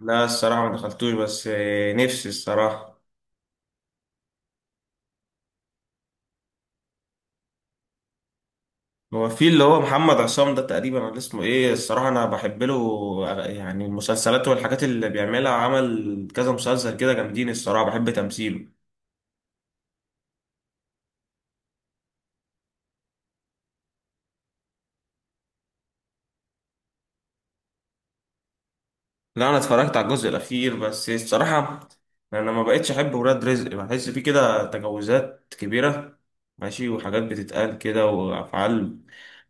لا، الصراحة ما دخلتوش، بس نفسي الصراحة. هو في اللي هو محمد عصام ده تقريبا، ولا اسمه ايه؟ الصراحة انا بحب له يعني المسلسلات والحاجات اللي بيعملها، عمل كذا مسلسل كده جامدين، الصراحة بحب تمثيله. لا، انا اتفرجت على الجزء الاخير بس الصراحة. انا ما بقتش احب ولاد رزق، بحس فيه كده تجاوزات كبيرة. ماشي، وحاجات بتتقال كده وافعال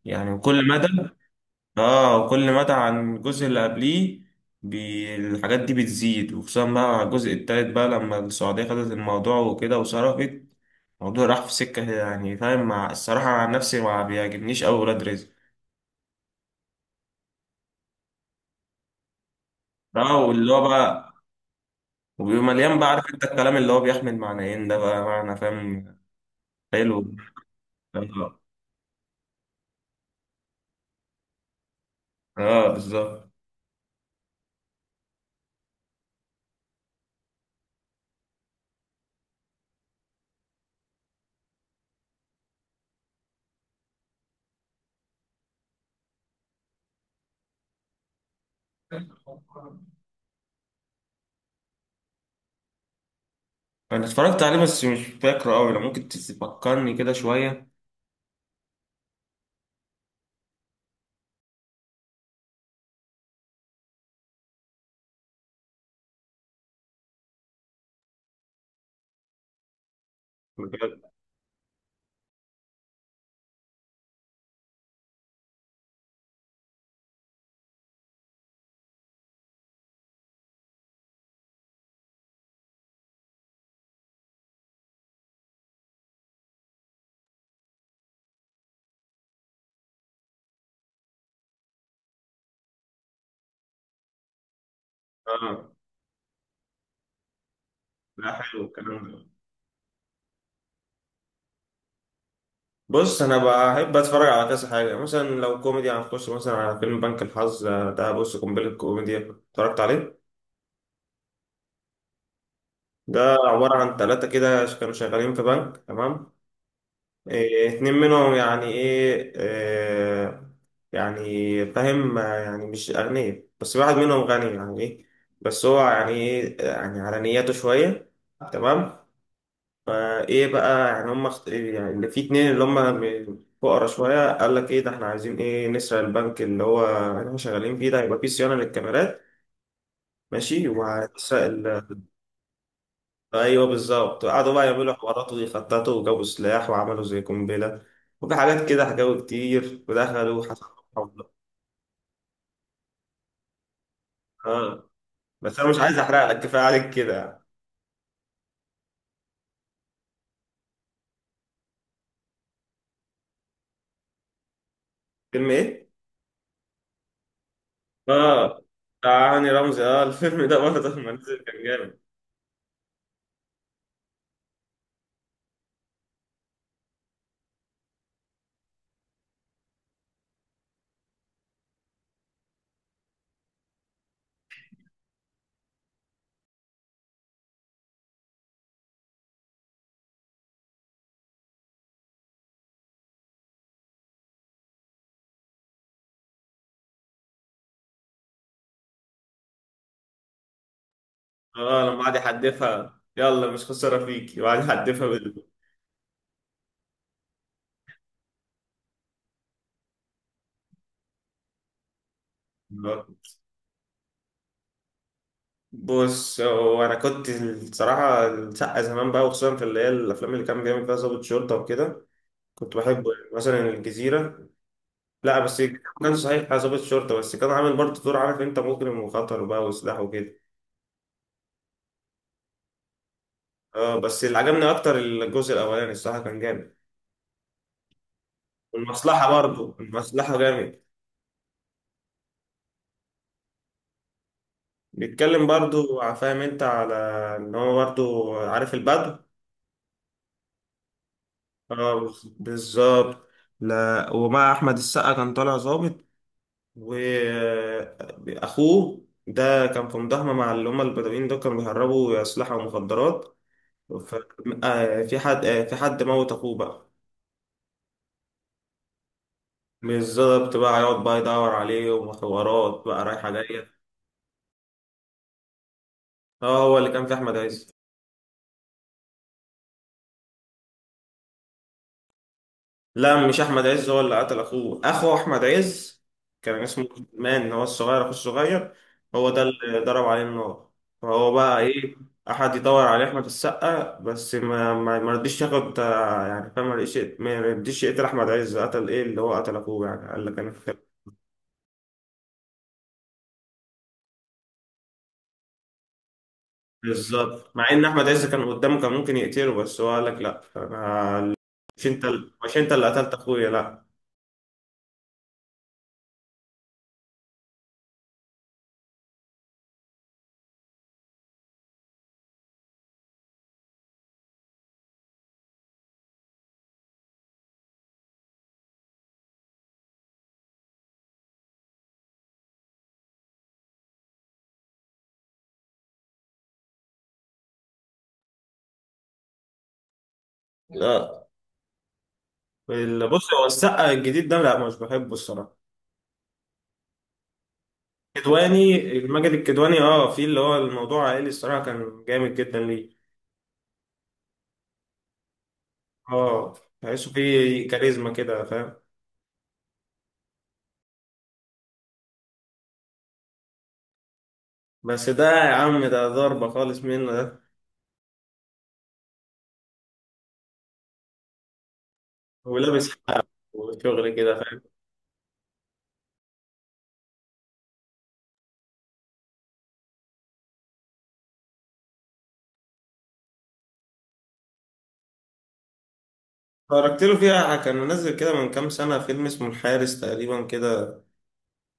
يعني، وكل مدى. اه، كل مدى عن الجزء اللي قبليه. الحاجات دي بتزيد، وخصوصا بقى مع الجزء التالت، بقى لما السعودية خدت الموضوع وكده وصرفت. الموضوع راح في سكة، يعني فاهم، مع الصراحة عن نفسي ما بيعجبنيش أوي ولاد رزق. بقى واللي هو بقى، وبيبقى مليان بقى، عارف انت الكلام اللي هو بيحمل معنيين ده بقى معنى، فاهم. حلو. اه، آه، بالظبط. انا اتفرجت عليه، بس مش فاكره أوي، لو ممكن تفكرني كده شوية. بجد. اه. لا، حلو الكلام ده. بص، انا بحب اتفرج على كذا حاجه، مثلا لو كوميدي هنخش مثلا على فيلم بنك الحظ. ده بص قنبله كوميديا، اتفرجت عليه. ده عباره عن ثلاثه كده، كانوا شغالين في بنك، تمام. إيه، اتنين منهم يعني ايه، إيه. يعني فاهم، يعني مش اغنياء، بس واحد منهم غني، يعني ايه. بس هو يعني ايه، يعني على نياته شويه. تمام. فايه بقى، يعني هم يعني اللي في اتنين اللي هم، فقرا شويه، قال لك ايه ده، احنا عايزين ايه، نسرق البنك اللي هو احنا شغالين فيه، ده هيبقى فيه صيانه للكاميرات، ماشي، وهنسرق ال... ايوه، بالظبط. قعدوا بقى يعملوا حوارات، ويخططوا، وجابوا سلاح، وعملوا زي قنبله. وفي حاجات كده حكاوي كتير، ودخلوا وحصلوا محاولات. اه، بس انا مش عايز احرق لك، كفايه عليك كده. فيلم ايه؟ اه، بتاع هاني رمزي. اه، الفيلم ده برضه لما نزل كان جامد. اه، لما قعد يحدفها، يلا مش خسارة فيكي، وقعد يحدفها بال. آه. بص، هو انا كنت الصراحة السقا زمان بقى، وخصوصا في اللي هي الافلام اللي كان بيعمل فيها ضابط شرطة وكده. كنت بحبه يعني. مثلا الجزيرة. لا بس. كان صحيح ضابط شرطة، بس كان عامل برضه دور، عارف انت، مجرم وخطر بقى، وسلاح وكده. اه، بس اللي عجبني اكتر الجزء الاولاني، الصراحة كان جامد. والمصلحة برضه، المصلحة جامد. بيتكلم برضه، فاهم انت، على ان هو برضه عارف البدو. اه، بالظبط. لا، ومع احمد السقا كان طالع ظابط. واخوه ده كان في مداهمه مع اللي هم البدوين دول، كانوا بيهربوا اسلحه ومخدرات. ف... في حد في حد موت اخوه بقى. بالظبط، بقى يقعد بقى يدور عليه، وحوارات بقى رايحه جايه. اه، هو اللي كان في احمد عز. لا، مش احمد عز هو اللي قتل اخوه، اخو احمد عز كان اسمه عثمان، هو الصغير، اخو الصغير. هو ده اللي ضرب عليه النار. فهو بقى ايه، احد يدور على احمد السقا، بس ما رضيش ياخد، يعني فاهم، ما رضيش يقتل احمد عز. قتل ايه اللي هو قتل اخوه، يعني قال لك انا قتلت. بالظبط، مع ان احمد عز كان قدامه كان ممكن يقتله، بس هو قال لك لا، انا مش انت، مش انت اللي قتلت اخويا، لا. لا، بص، هو السقا الجديد ده لا، مش بحبه الصراحه. كدواني، ماجد الكدواني، اه، في اللي هو الموضوع عائلي، الصراحه كان جامد جدا ليه. اه، تحسه فيه كاريزما كده، فاهم. بس ده يا عم، ده ضربه خالص منه ده. ولابس حق، وشغل كده، فاهم. اتفرجت له فيها، كان منزل كده من كام سنه فيلم اسمه الحارس تقريبا كده.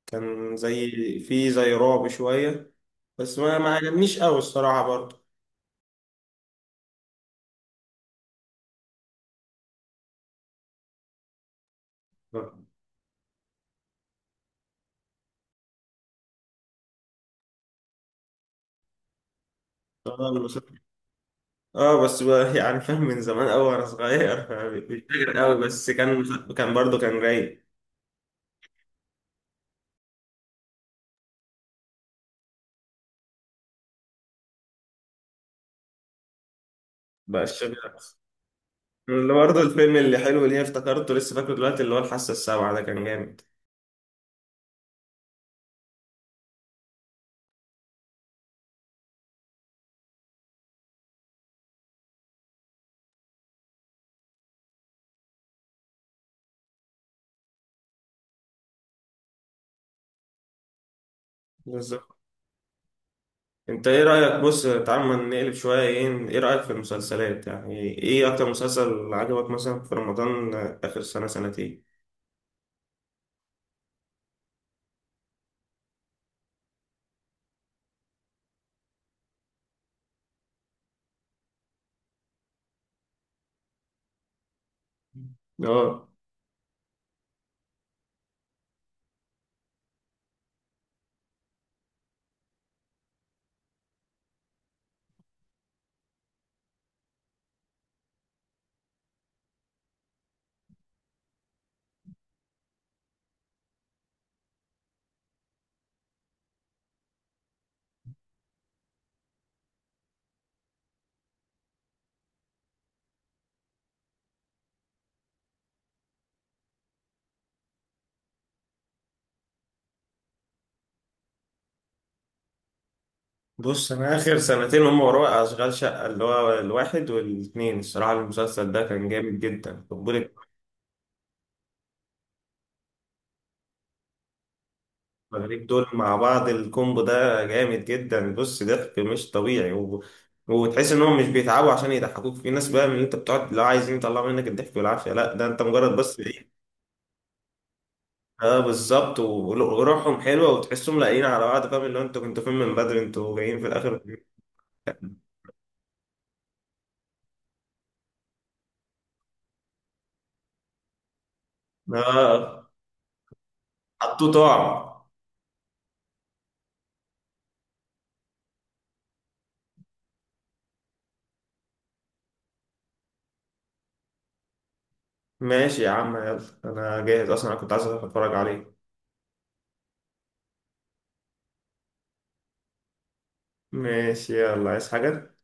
كان زي، فيه زي رعب شويه، بس ما عجبنيش قوي الصراحه برضه. اه، بس بقى يعني فاهم، من زمان قوي وانا صغير، فمش فاكر قوي، بس كان، كان برضه كان رايق. بقى الشغل اللي برضه الفيلم اللي حلو، اللي هي افتكرته لسه، فاكره دلوقتي اللي هو الحاسة السابعة ده كان جامد. بالظبط. انت ايه رأيك، بص تعال ما نقلب شوية، ايه رأيك في المسلسلات، يعني ايه اكتر مسلسل عجبك مثلا في رمضان، اخر سنة سنتين؟ اه، بص، انا اخر سنتين هم وراء اشغال شقة اللي هو الواحد والاتنين، الصراحة المسلسل ده كان جامد جدا قبول. المغرب دول مع بعض الكومبو ده جامد جدا، بص ضحك مش طبيعي، و... وتحس انهم مش بيتعبوا عشان يضحكوك، في ناس بقى من اللي انت بتقعد لو عايزين يطلعوا منك الضحك والعافيه، لا ده انت مجرد بس ايه. اه، بالظبط، وروحهم حلوه، وتحسهم لاقيين على بعض، فاهم اللي هو انتوا كنتوا فين من بدري، انتوا جايين في الاخر. اه، حطوه طعم. ماشي يا عم، يلا. انا جاهز اصلا، انا كنت عايز اتفرج عليه. ماشي، يلا، عايز حاجه؟